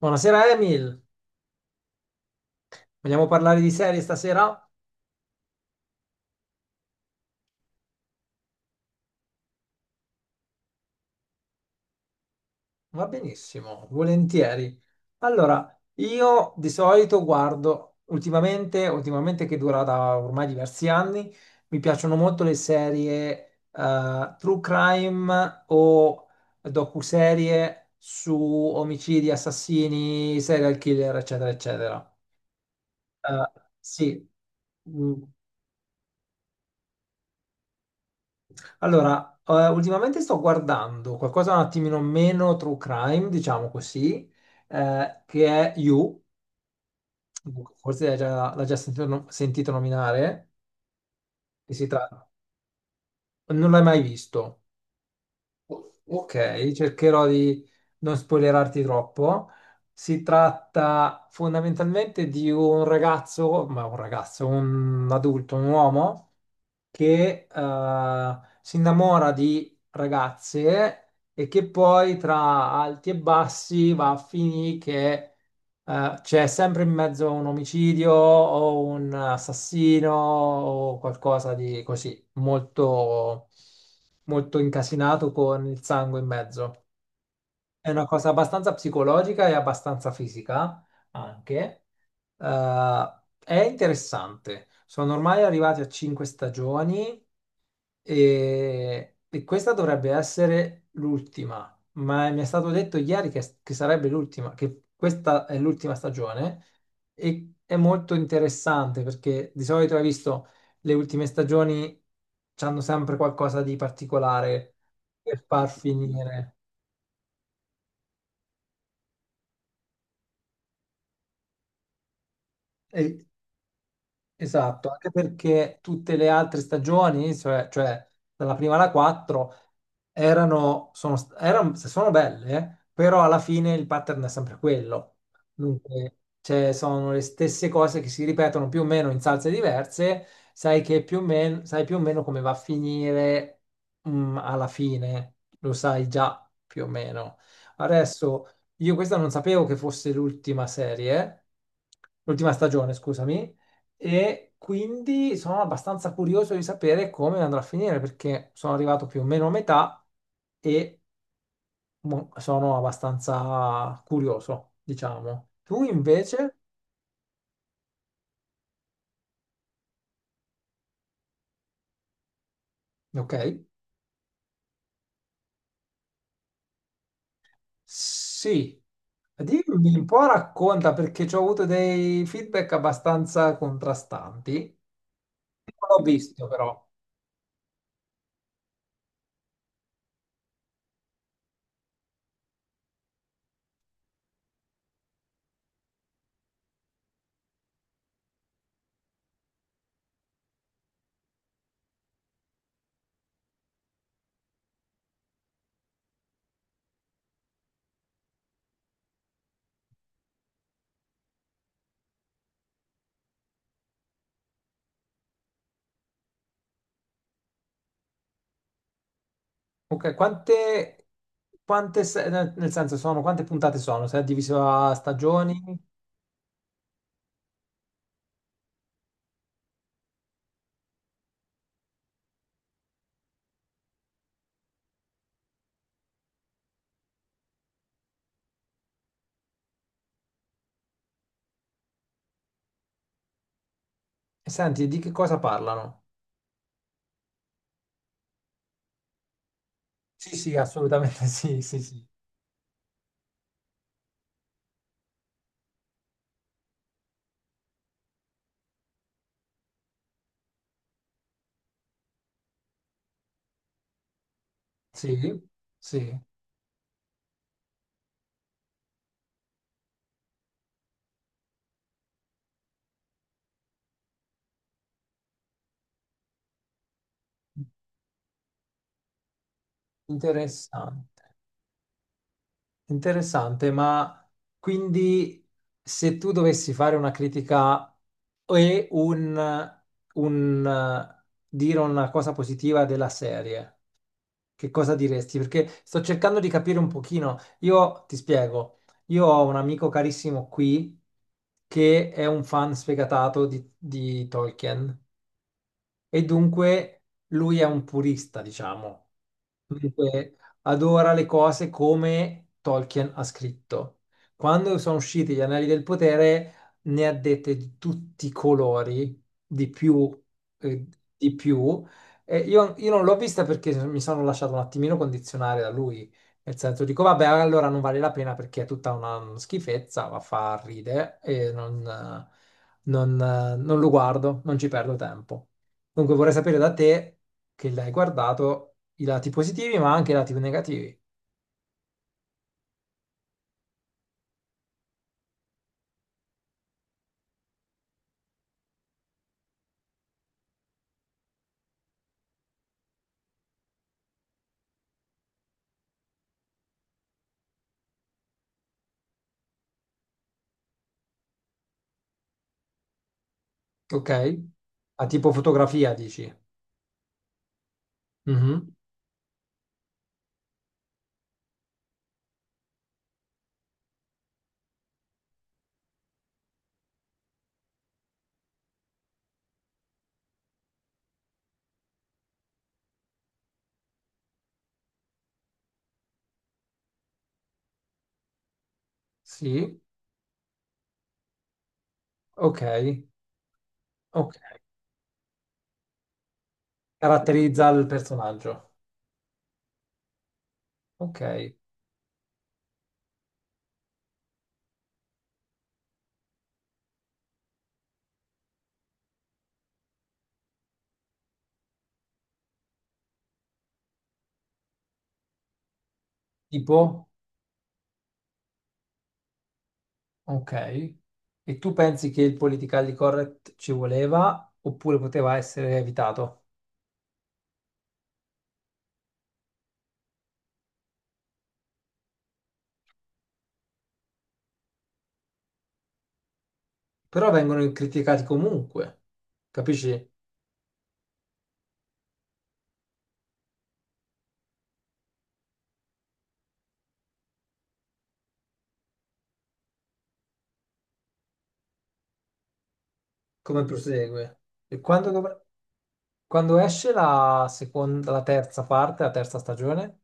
Buonasera Emil, vogliamo parlare di serie stasera? Va benissimo, volentieri. Allora, io di solito guardo ultimamente, che dura da ormai diversi anni, mi piacciono molto le serie true crime o docuserie su omicidi, assassini, serial killer, eccetera, eccetera. Eh, sì. Mm. Allora, ultimamente sto guardando qualcosa un attimino meno true crime, diciamo così, che è You, forse l'hai già sentito, sentito nominare, che si tratta. Non l'hai mai visto. Ok, cercherò di non spoilerarti troppo. Si tratta fondamentalmente di un ragazzo, ma un ragazzo, un adulto, un uomo. Che si innamora di ragazze e che poi tra alti e bassi va a finire che c'è sempre in mezzo un omicidio o un assassino o qualcosa di così molto, molto incasinato con il sangue in mezzo. È una cosa abbastanza psicologica e abbastanza fisica anche. Eh, è interessante. Sono ormai arrivati a cinque stagioni e questa dovrebbe essere l'ultima, ma mi è stato detto ieri che sarebbe l'ultima, che questa è l'ultima stagione e è molto interessante perché di solito hai visto le ultime stagioni hanno sempre qualcosa di particolare per far finire. E esatto, anche perché tutte le altre stagioni, cioè dalla prima alla quattro, erano, sono, st- erano, se sono belle, però alla fine il pattern è sempre quello. Dunque, cioè, sono le stesse cose che si ripetono più o meno in salse diverse, sai più o meno come va a finire, mm, alla fine, lo sai già più o meno. Adesso, io questa non sapevo che fosse l'ultima serie, l'ultima stagione, scusami, e quindi sono abbastanza curioso di sapere come andrà a finire perché sono arrivato più o meno a metà e sono abbastanza curioso, diciamo. Tu invece? Ok, sì. Dimmi un po', racconta perché ci ho avuto dei feedback abbastanza contrastanti. Non l'ho visto però. Ok, quante, nel senso sono, quante puntate sono? Se è diviso a stagioni? E senti, di che cosa parlano? Sì, sì, assolutamente sì, sì, sì, sì, sì, interessante, interessante, ma quindi se tu dovessi fare una critica e un, un, eh, dire una cosa positiva della serie, che cosa diresti? Perché sto cercando di capire un pochino, io ti spiego, io ho un amico carissimo qui che è un fan sfegatato di Tolkien e dunque lui è un purista, diciamo. Dunque, adora le cose come Tolkien ha scritto. Quando sono usciti gli Anelli del Potere, ne ha dette di tutti i colori, di più, eh, di più. E io non l'ho vista perché mi sono lasciato un attimino condizionare da lui. Nel senso, dico, vabbè, allora non vale la pena perché è tutta una schifezza, va a far ridere e non lo guardo, non ci perdo tempo. Dunque, vorrei sapere da te che l'hai guardato i lati positivi, ma anche i lati negativi. Ok? A tipo fotografia, dici? Mhm. Sì, ok. Ok. Caratterizza il personaggio. Ok. Tipo? Ok. E tu pensi che il politically correct ci voleva oppure poteva essere evitato? Però vengono criticati comunque. Capisci, come prosegue? E quando, quando esce la seconda, la terza parte, la terza stagione?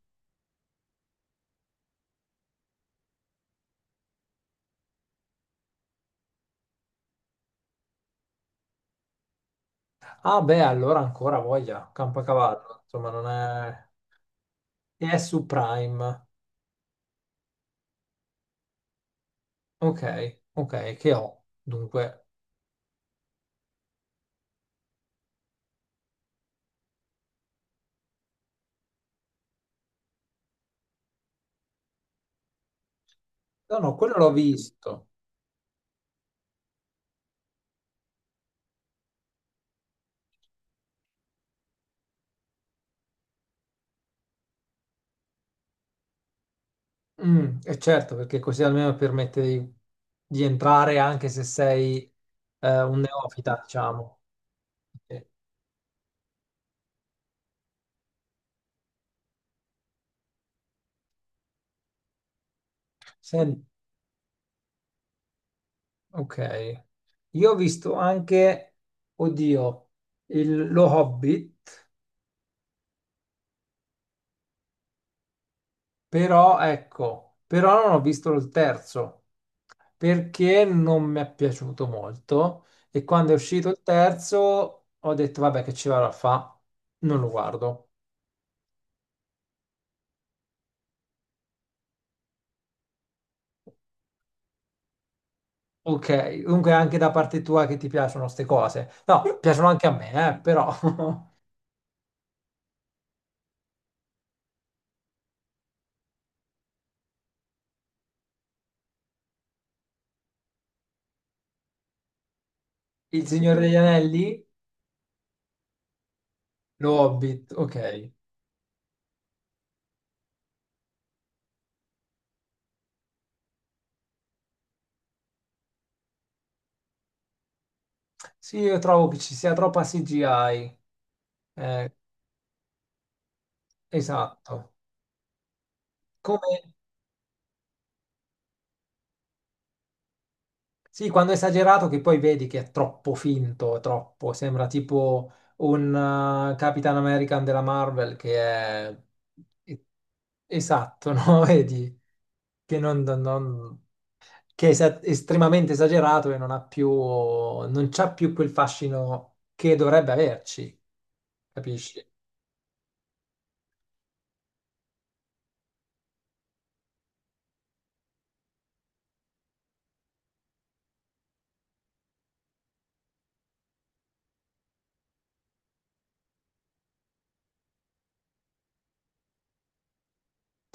Ah beh, allora ancora voglia, Campacavallo, insomma non è... E è su Prime. Ok, ok, che ho? Dunque, no, no, quello l'ho visto. Mm, e certo, perché così almeno permette di entrare anche se sei un neofita, diciamo. Ok. Sen- ok. Io ho visto anche, oddio, lo Hobbit. Però ecco, però non ho visto il terzo perché non mi è piaciuto molto e quando è uscito il terzo ho detto vabbè che ci vado a fa, non lo guardo. Ok, comunque anche da parte tua che ti piacciono queste cose. No, piacciono anche a me, però il Signore degli Anelli, lo Hobbit, ok. Sì, io trovo che ci sia troppa CGI. Eh, esatto. Come sì, quando è esagerato che poi vedi che è troppo finto, è troppo, sembra tipo un Capitan American della Marvel che è è- esatto, no? Vedi che, che è estremamente esagerato e non ha più, non c'ha più quel fascino che dovrebbe averci, capisci?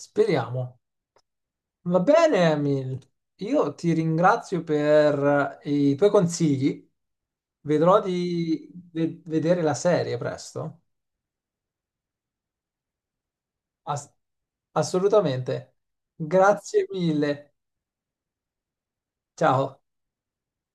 Speriamo. Va bene, Emil. Io ti ringrazio per i tuoi consigli. Vedrò di vedere la serie presto. Ass- assolutamente. Grazie mille. Ciao.